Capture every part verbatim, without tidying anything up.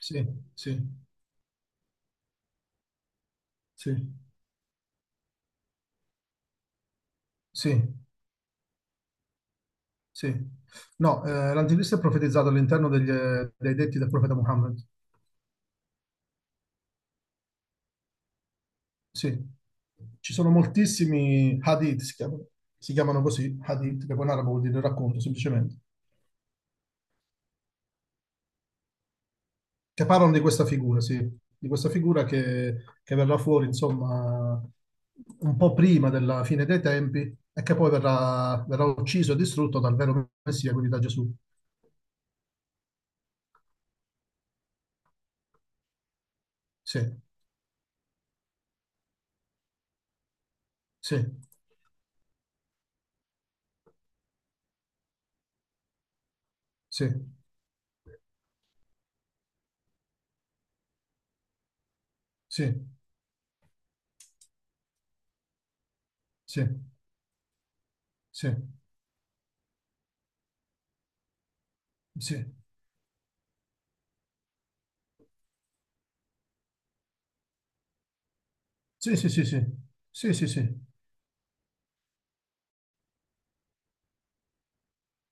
Sì, sì, sì, sì, sì. No, eh, l'anticristo è profetizzato all'interno degli, eh, dei detti del profeta Muhammad. Sì, ci sono moltissimi hadith, si chiamano, si chiamano così, hadith, che poi in arabo vuol dire racconto, semplicemente, che parlano di questa figura, sì, di questa figura che, che verrà fuori, insomma, un po' prima della fine dei tempi e che poi verrà, verrà ucciso e distrutto dal vero Messia, quindi da Gesù. Sì, sì, sì, sì, sì, sì. Sì. Sì, sì, sì, sì, sì, sì, sì, sì.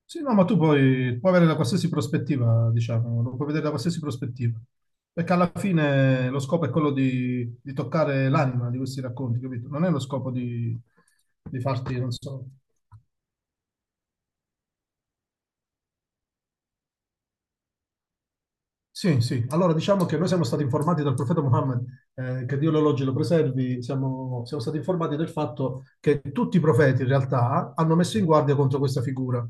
Sì, no, ma tu puoi, puoi avere da qualsiasi prospettiva, diciamo, lo puoi vedere da qualsiasi prospettiva, perché alla fine lo scopo è quello di, di toccare l'anima di questi racconti, capito? Non è lo scopo di, di farti, non so. Sì, sì, allora diciamo che noi siamo stati informati dal profeta Muhammad, eh, che Dio lo elogi e lo preservi, siamo, siamo stati informati del fatto che tutti i profeti in realtà hanno messo in guardia contro questa figura.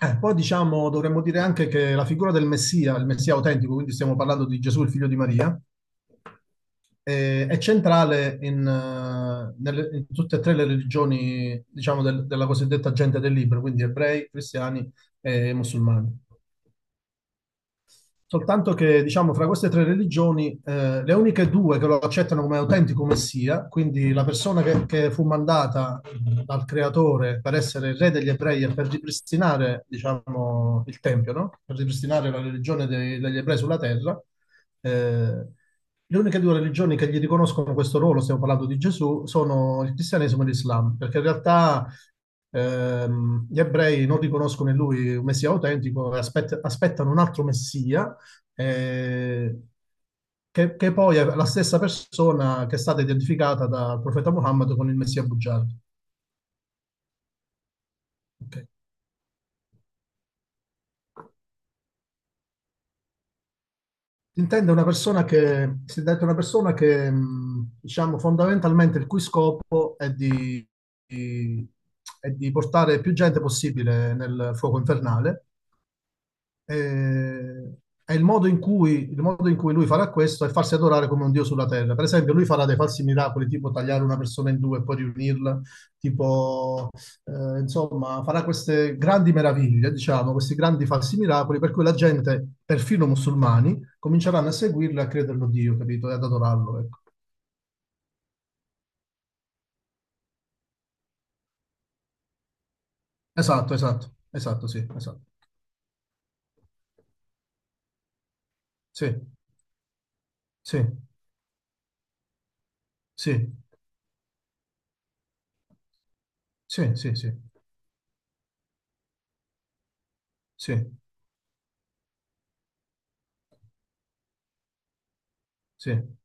Eh, poi diciamo, dovremmo dire anche che la figura del Messia, il Messia autentico, quindi stiamo parlando di Gesù, il figlio di Maria, eh, è centrale in, eh, nelle- in tutte e tre le religioni, diciamo, del- della cosiddetta gente del libro, quindi ebrei, cristiani e musulmani. Soltanto che, diciamo, fra queste tre religioni, eh, le uniche due che lo accettano come autentico messia, quindi la persona che, che fu mandata dal creatore per essere il re degli ebrei e per ripristinare, diciamo, il tempio, no? Per ripristinare la religione dei- degli ebrei sulla terra, eh, le uniche due religioni che gli riconoscono questo ruolo, stiamo parlando di Gesù, sono il cristianesimo e l'Islam, perché in realtà ehm, gli ebrei non riconoscono in lui un messia autentico e aspett- aspettano un altro messia, eh, che, che poi è la stessa persona che è stata identificata dal profeta Muhammad con il Messia bugiardo. Ok. Si Intende una persona che, si intende una persona che, mh, diciamo, fondamentalmente il cui scopo è di, di- è di portare più gente possibile nel fuoco infernale. eh, è il modo in cui, il modo in cui lui farà questo è farsi adorare come un dio sulla terra. Per esempio, lui farà dei falsi miracoli, tipo tagliare una persona in due e poi riunirla, tipo, eh, insomma, farà queste grandi meraviglie, diciamo, questi grandi falsi miracoli, per cui la gente, perfino musulmani, cominceranno a seguirlo e a crederlo Dio, capito? E ad adorarlo, ecco. Esatto, esatto, esatto, sì, esatto. Sì, sì, sì, sì, sì, sì, sì, sì,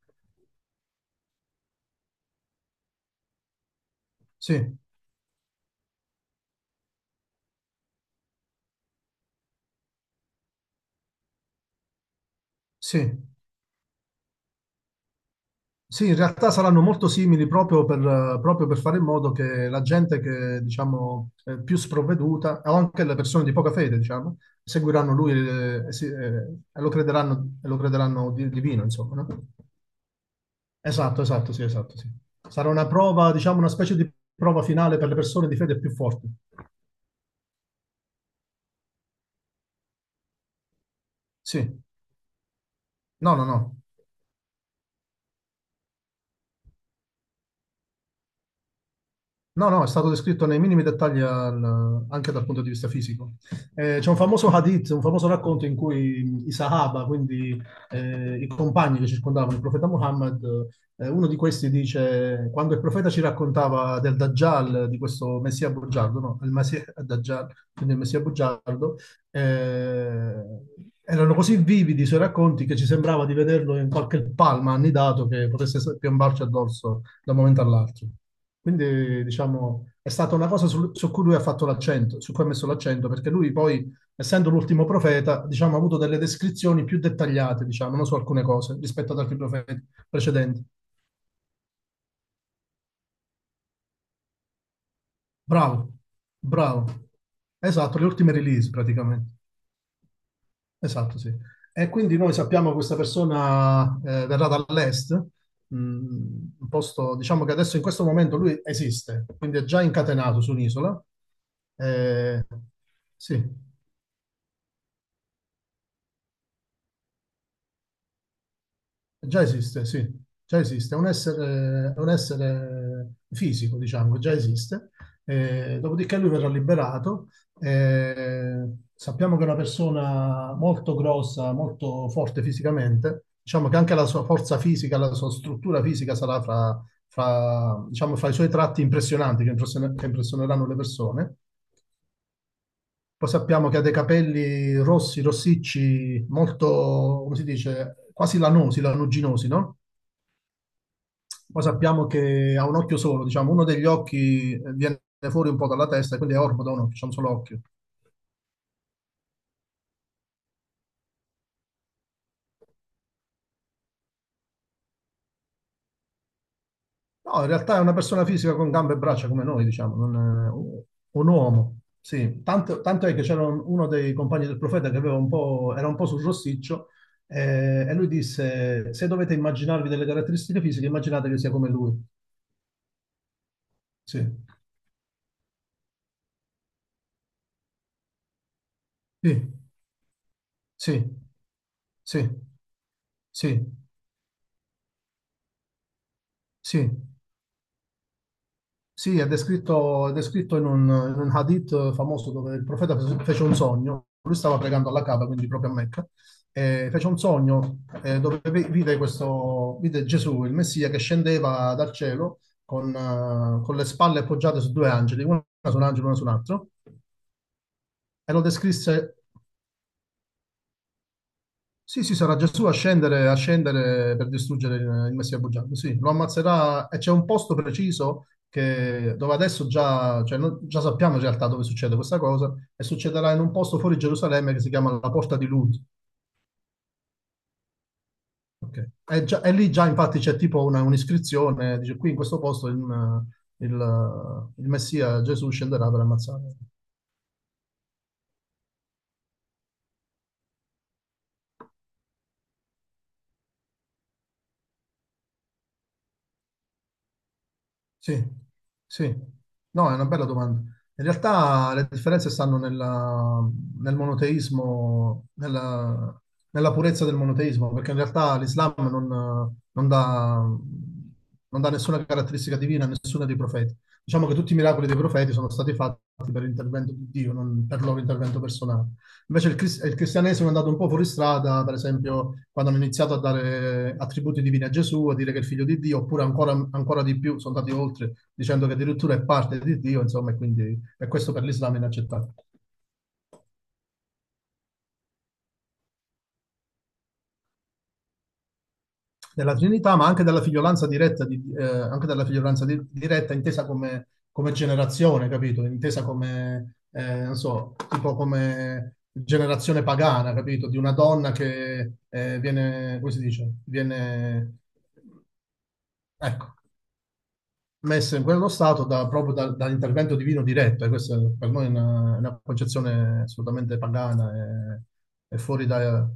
sì, sì, sì. Sì, in realtà saranno molto simili proprio per, proprio per fare in modo che la gente che, diciamo, è più sprovveduta, o anche le persone di poca fede, diciamo, seguiranno lui, eh, e, si- eh, e lo crederanno, e lo crederanno di- divino, insomma, no? Esatto, esatto, sì, esatto, sì. Sarà una prova, diciamo, una specie di prova finale per le persone di fede più forti. Sì. No, no, no. No, no, è stato descritto nei minimi dettagli al- anche dal punto di vista fisico. Eh, c'è un famoso hadith, un famoso racconto in cui i Sahaba, quindi eh, i compagni che circondavano il profeta Muhammad, eh, uno di questi dice, quando il profeta ci raccontava del Dajjal, di questo Messia bugiardo, no? Il Messia Dajjal, quindi il Messia bugiardo, eh, erano così vividi i suoi racconti che ci sembrava di vederlo in qualche palma annidato che potesse piombarci addosso da un momento all'altro. Quindi, diciamo, è stata una cosa sul- su, cui lui ha fatto l'accento, su cui ha messo l'accento, perché lui poi, essendo l'ultimo profeta, diciamo, ha avuto delle descrizioni più dettagliate, diciamo, non su alcune cose, rispetto ad altri profeti precedenti. Bravo, bravo. Esatto, le ultime release praticamente. Esatto, sì. E quindi noi sappiamo che questa persona eh, verrà dall'est, mh, un posto, diciamo che adesso in questo momento lui esiste, quindi è già incatenato su un'isola. Eh, sì, già esiste, sì, già esiste, è un essere, è un essere fisico, diciamo, che già esiste. Eh, dopodiché lui verrà liberato. Eh, sappiamo che è una persona molto grossa, molto forte fisicamente. Diciamo che anche la sua forza fisica, la sua struttura fisica sarà fra, fra, diciamo, fra i suoi tratti impressionanti che, impression- che impressioneranno le persone. Poi sappiamo che ha dei capelli rossi, rossicci, molto, come si dice, quasi lanosi, lanuginosi, no? Poi sappiamo che ha un occhio solo, diciamo, uno degli occhi eh, viene fuori un po' dalla testa, e quindi è orbido, no, c'è un solo occhio. No, in realtà è una persona fisica con gambe e braccia come noi, diciamo, non è un un uomo. Sì, tanto, tanto è che c'era un- uno dei compagni del profeta che aveva un po', era un po' sul rossiccio, eh, e lui disse, se dovete immaginarvi delle caratteristiche fisiche, immaginate che sia come lui. Sì, sì, sì, sì, sì, sì. Sì, è descritto, è descritto in un, in un hadith eh, famoso dove il profeta fe- fece un sogno, lui stava pregando alla Kaaba, quindi proprio a Mecca, e fece un sogno eh, dove vi- vide, questo, vide Gesù, il Messia, che scendeva dal cielo con, eh, con le spalle appoggiate su due angeli, una su un angelo e una su un altro, e lo descrisse. Sì, sì, sarà Gesù a scendere, a scendere per distruggere il, il Messia bugiardo. Sì, lo ammazzerà e c'è un posto preciso che- dove adesso già, cioè, no- già sappiamo in realtà dove succede questa cosa e succederà in un posto fuori Gerusalemme che si chiama la Porta di Lud. Ok. E, già- e lì già infatti c'è tipo una- un'iscrizione, dice qui in questo posto il, il il Messia Gesù scenderà per ammazzare. Sì, sì. No, è una bella domanda. In realtà le differenze stanno nella- nel monoteismo, nella, nella purezza del monoteismo, perché in realtà l'Islam non, non dà, non dà nessuna caratteristica divina a nessuno dei profeti. Diciamo che tutti i miracoli dei profeti sono stati fatti per l'intervento di Dio, non per il loro intervento personale. Invece il, crist- il cristianesimo è andato un po' fuori strada, per esempio, quando hanno iniziato a dare attributi divini a Gesù, a dire che è il figlio di Dio, oppure ancora, ancora di più sono andati oltre, dicendo che addirittura è parte di Dio, insomma, e quindi e questo per l'Islam è inaccettabile. Della Trinità, ma anche della figliolanza diretta, di, eh, anche della figliolanza di- diretta intesa come, come generazione, capito? Intesa come, eh, non so, tipo come generazione pagana, capito? Di una donna che eh, viene, come si dice? Viene... Ecco, messo in quello stato da- proprio da- dall'intervento divino diretto, e questa è- per noi è una, è una concezione assolutamente pagana e, e fuori da...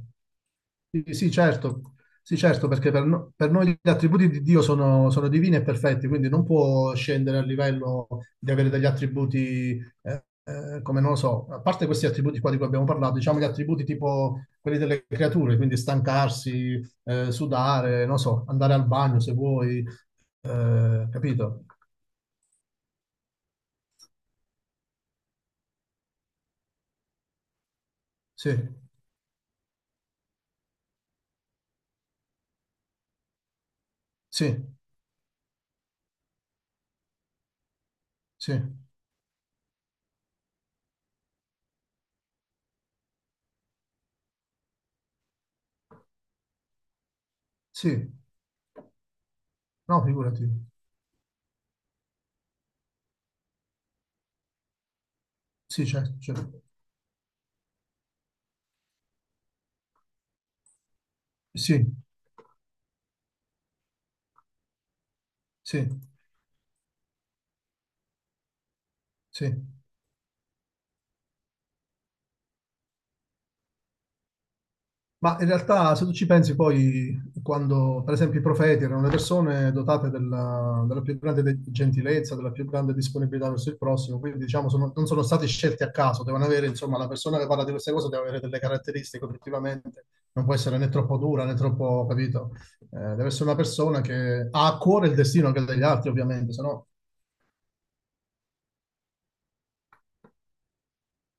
Sì, sì, certo, sì, certo, perché per, no- per noi gli attributi di Dio sono, sono divini e perfetti, quindi non può scendere al livello di avere degli attributi, eh, eh, come non lo so, a parte questi attributi qua di cui abbiamo parlato, diciamo gli attributi tipo quelli delle creature, quindi stancarsi, eh, sudare, non so, andare al bagno se vuoi, eh, capito? Sì, sì, sì, sì, no, figurati, sì, certo, certo. Sì, sì, sì. Ma in realtà, se tu ci pensi poi, quando per esempio i profeti erano le persone dotate della, della più grande de- gentilezza, della più grande disponibilità verso il prossimo, quindi diciamo sono- non sono stati scelti a caso, devono avere, insomma, la persona che parla di queste cose deve avere delle caratteristiche obiettivamente, non può essere né troppo dura né troppo, capito? Eh, Deve essere una persona che ha a cuore il destino anche degli altri, ovviamente, se no